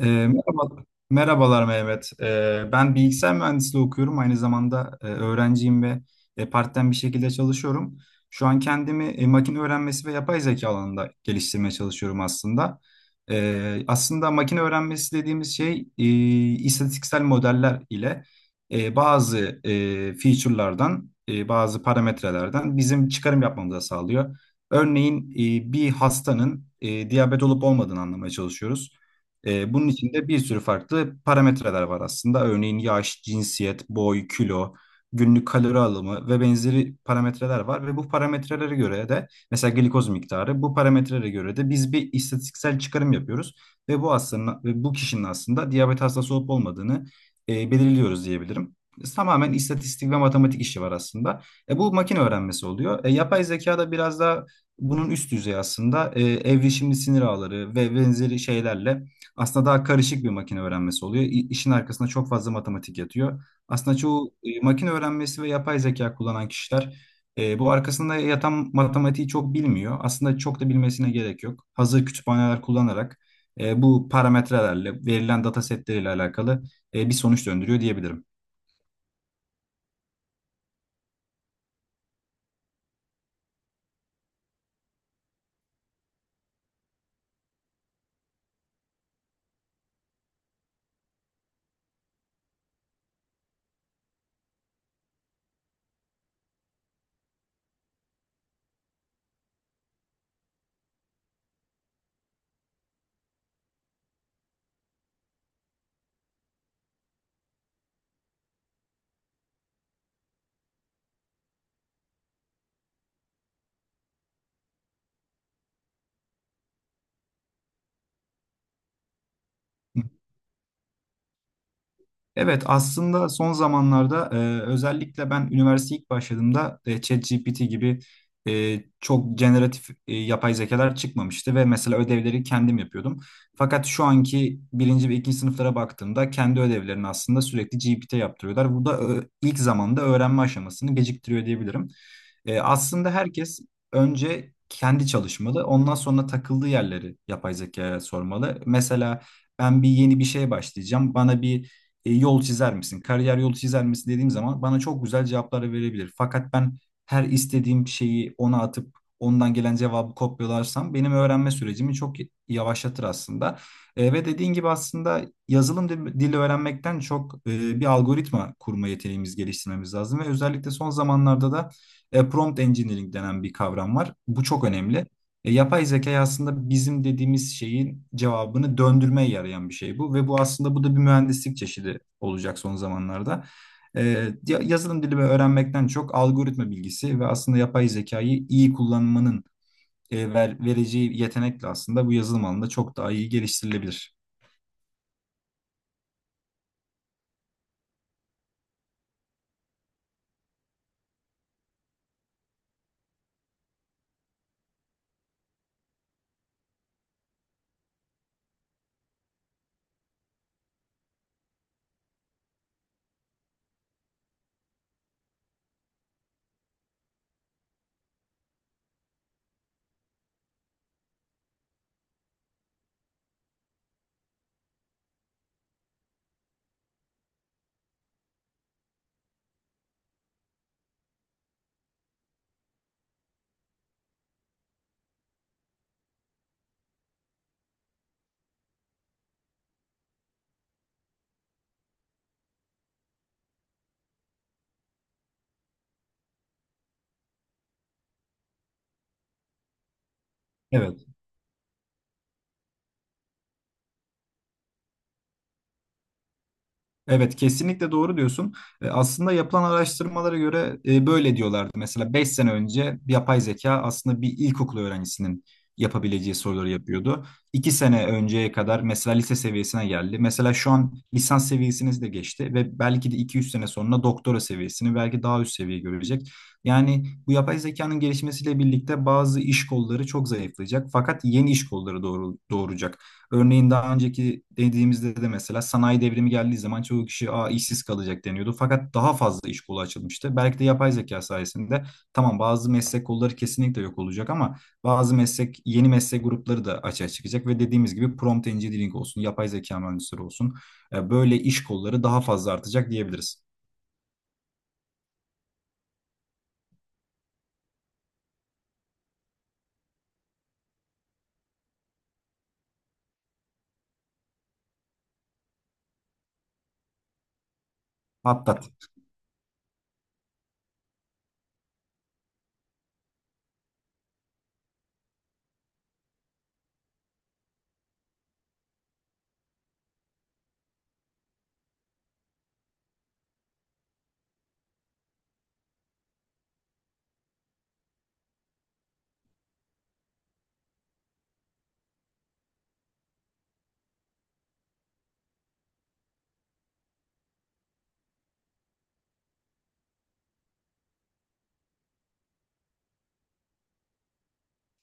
Merhaba, merhabalar Mehmet. Ben bilgisayar mühendisliği okuyorum. Aynı zamanda öğrenciyim ve part-time bir şekilde çalışıyorum. Şu an kendimi makine öğrenmesi ve yapay zeka alanında geliştirmeye çalışıyorum aslında. Aslında makine öğrenmesi dediğimiz şey istatistiksel modeller ile bazı feature'lardan, bazı parametrelerden bizim çıkarım yapmamızı sağlıyor. Örneğin bir hastanın diyabet olup olmadığını anlamaya çalışıyoruz. Bunun içinde bir sürü farklı parametreler var aslında. Örneğin yaş, cinsiyet, boy, kilo, günlük kalori alımı ve benzeri parametreler var. Ve bu parametrelere göre de mesela glikoz miktarı bu parametrelere göre de biz bir istatistiksel çıkarım yapıyoruz. Ve bu kişinin aslında diyabet hastası olup olmadığını belirliyoruz diyebilirim. Tamamen istatistik ve matematik işi var aslında. Bu makine öğrenmesi oluyor. Yapay zeka da biraz daha bunun üst düzeyi aslında. Evrişimli sinir ağları ve benzeri şeylerle aslında daha karışık bir makine öğrenmesi oluyor. İşin arkasında çok fazla matematik yatıyor. Aslında çoğu makine öğrenmesi ve yapay zeka kullanan kişiler bu arkasında yatan matematiği çok bilmiyor. Aslında çok da bilmesine gerek yok. Hazır kütüphaneler kullanarak bu parametrelerle, verilen data setleriyle alakalı bir sonuç döndürüyor diyebilirim. Evet, aslında son zamanlarda özellikle ben üniversiteye ilk başladığımda ChatGPT gibi çok generatif yapay zekalar çıkmamıştı ve mesela ödevleri kendim yapıyordum. Fakat şu anki birinci ve ikinci sınıflara baktığımda kendi ödevlerini aslında sürekli GPT yaptırıyorlar. Bu da ilk zamanda öğrenme aşamasını geciktiriyor diyebilirim. Aslında herkes önce kendi çalışmalı, ondan sonra takıldığı yerleri yapay zekaya sormalı. Mesela ben yeni bir şeye başlayacağım. Bana bir yol çizer misin? Kariyer yolu çizer misin dediğim zaman bana çok güzel cevaplar verebilir. Fakat ben her istediğim şeyi ona atıp ondan gelen cevabı kopyalarsam benim öğrenme sürecimi çok yavaşlatır aslında. Ve dediğin gibi aslında yazılım dili öğrenmekten çok bir algoritma kurma yeteneğimiz geliştirmemiz lazım ve özellikle son zamanlarda da prompt engineering denen bir kavram var. Bu çok önemli. Yapay zeka aslında bizim dediğimiz şeyin cevabını döndürmeye yarayan bir şey bu ve bu da bir mühendislik çeşidi olacak son zamanlarda. E, Yazılım dili ve öğrenmekten çok algoritma bilgisi ve aslında yapay zekayı iyi kullanmanın vereceği yetenekle aslında bu yazılım alanında çok daha iyi geliştirilebilir. Evet. Evet, kesinlikle doğru diyorsun. Aslında yapılan araştırmalara göre böyle diyorlardı. Mesela 5 sene önce yapay zeka aslında bir ilkokul öğrencisinin yapabileceği soruları yapıyordu. 2 sene önceye kadar mesela lise seviyesine geldi. Mesela şu an lisans seviyesini de geçti ve belki de iki üç sene sonra doktora seviyesini belki daha üst seviye görecek. Yani bu yapay zekanın gelişmesiyle birlikte bazı iş kolları çok zayıflayacak fakat yeni iş kolları doğuracak. Örneğin daha önceki dediğimizde de mesela sanayi devrimi geldiği zaman çoğu kişi "Aa, işsiz kalacak" deniyordu. Fakat daha fazla iş kolu açılmıştı. Belki de yapay zeka sayesinde tamam bazı meslek kolları kesinlikle yok olacak ama bazı meslek yeni meslek grupları da açığa çıkacak ve dediğimiz gibi prompt engineering olsun, yapay zeka mühendisleri olsun böyle iş kolları daha fazla artacak diyebiliriz. Hatta.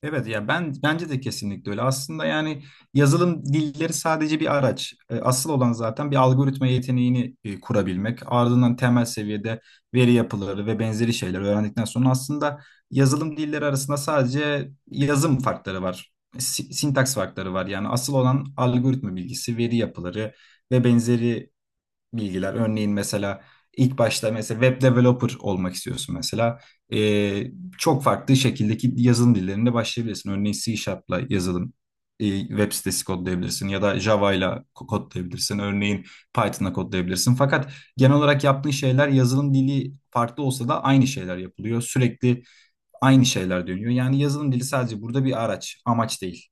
Evet ya, ben bence de kesinlikle öyle. Aslında yani yazılım dilleri sadece bir araç. Asıl olan zaten bir algoritma yeteneğini kurabilmek. Ardından temel seviyede veri yapıları ve benzeri şeyler öğrendikten sonra aslında yazılım dilleri arasında sadece yazım farkları var. Sintaks farkları var. Yani asıl olan algoritma bilgisi, veri yapıları ve benzeri bilgiler. Örneğin mesela ilk başta mesela web developer olmak istiyorsun mesela. Ee, Çok farklı şekildeki yazılım dillerinde başlayabilirsin. Örneğin C Sharp'la yazılım web sitesi kodlayabilirsin ya da Java ile kodlayabilirsin. Örneğin Python'la kodlayabilirsin. Fakat genel olarak yaptığın şeyler yazılım dili farklı olsa da aynı şeyler yapılıyor. Sürekli aynı şeyler dönüyor. Yani yazılım dili sadece burada bir araç, amaç değil.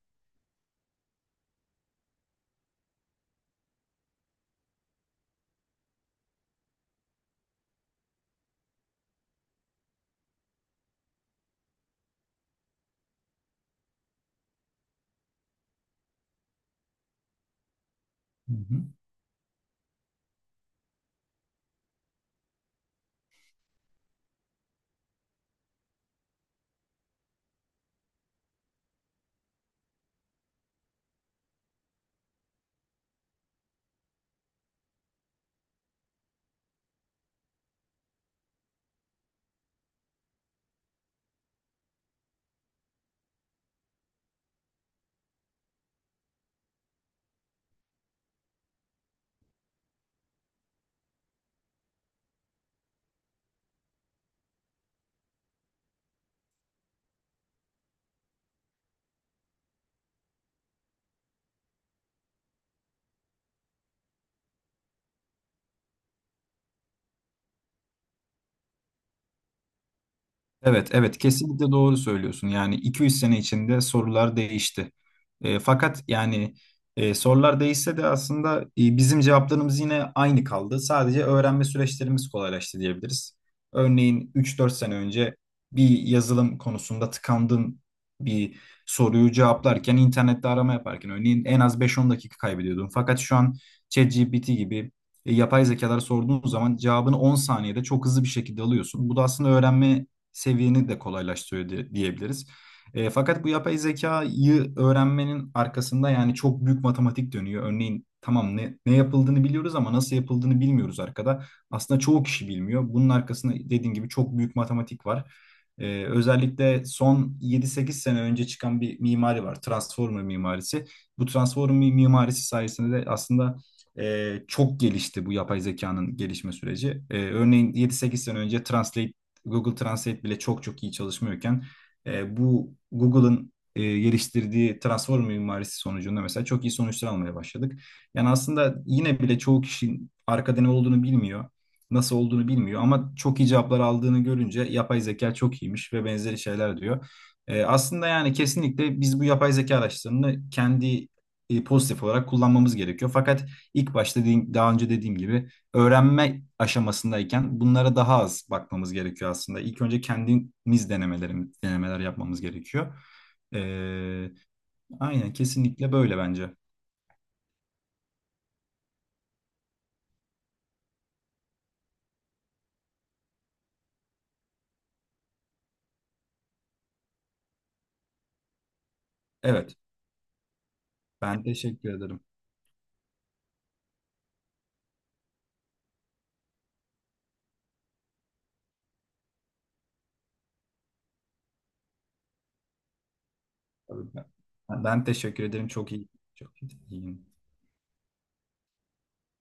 Hı hı. Evet, evet, kesinlikle doğru söylüyorsun. Yani iki üç sene içinde sorular değişti. Fakat yani sorular değişse de aslında bizim cevaplarımız yine aynı kaldı. Sadece öğrenme süreçlerimiz kolaylaştı diyebiliriz. Örneğin üç dört sene önce bir yazılım konusunda tıkandığın bir soruyu cevaplarken internette arama yaparken örneğin en az beş on dakika kaybediyordun. Fakat şu an ChatGPT gibi yapay zekalara sorduğun zaman cevabını 10 saniyede çok hızlı bir şekilde alıyorsun. Bu da aslında öğrenme seviyeni de kolaylaştırıyor diyebiliriz. Fakat bu yapay zekayı öğrenmenin arkasında yani çok büyük matematik dönüyor. Örneğin tamam ne yapıldığını biliyoruz ama nasıl yapıldığını bilmiyoruz arkada. Aslında çoğu kişi bilmiyor. Bunun arkasında dediğim gibi çok büyük matematik var. Özellikle son yedi sekiz sene önce çıkan bir mimari var. Transformer mimarisi. Bu Transformer mimarisi sayesinde de aslında çok gelişti bu yapay zekanın gelişme süreci. Örneğin yedi sekiz sene önce Google Translate bile çok çok iyi çalışmıyorken bu Google'ın geliştirdiği transform mimarisi sonucunda mesela çok iyi sonuçlar almaya başladık. Yani aslında yine bile çoğu kişinin arkada ne olduğunu bilmiyor, nasıl olduğunu bilmiyor ama çok iyi cevaplar aldığını görünce yapay zeka çok iyiymiş ve benzeri şeyler diyor. Aslında yani kesinlikle biz bu yapay zeka araçlarını kendi pozitif olarak kullanmamız gerekiyor. Fakat daha önce dediğim gibi öğrenme aşamasındayken bunlara daha az bakmamız gerekiyor aslında. İlk önce kendimiz denemeler yapmamız gerekiyor. Ee, aynen kesinlikle böyle bence. Evet, ben teşekkür ederim. Tabii ben teşekkür ederim. Çok iyi. Çok iyi.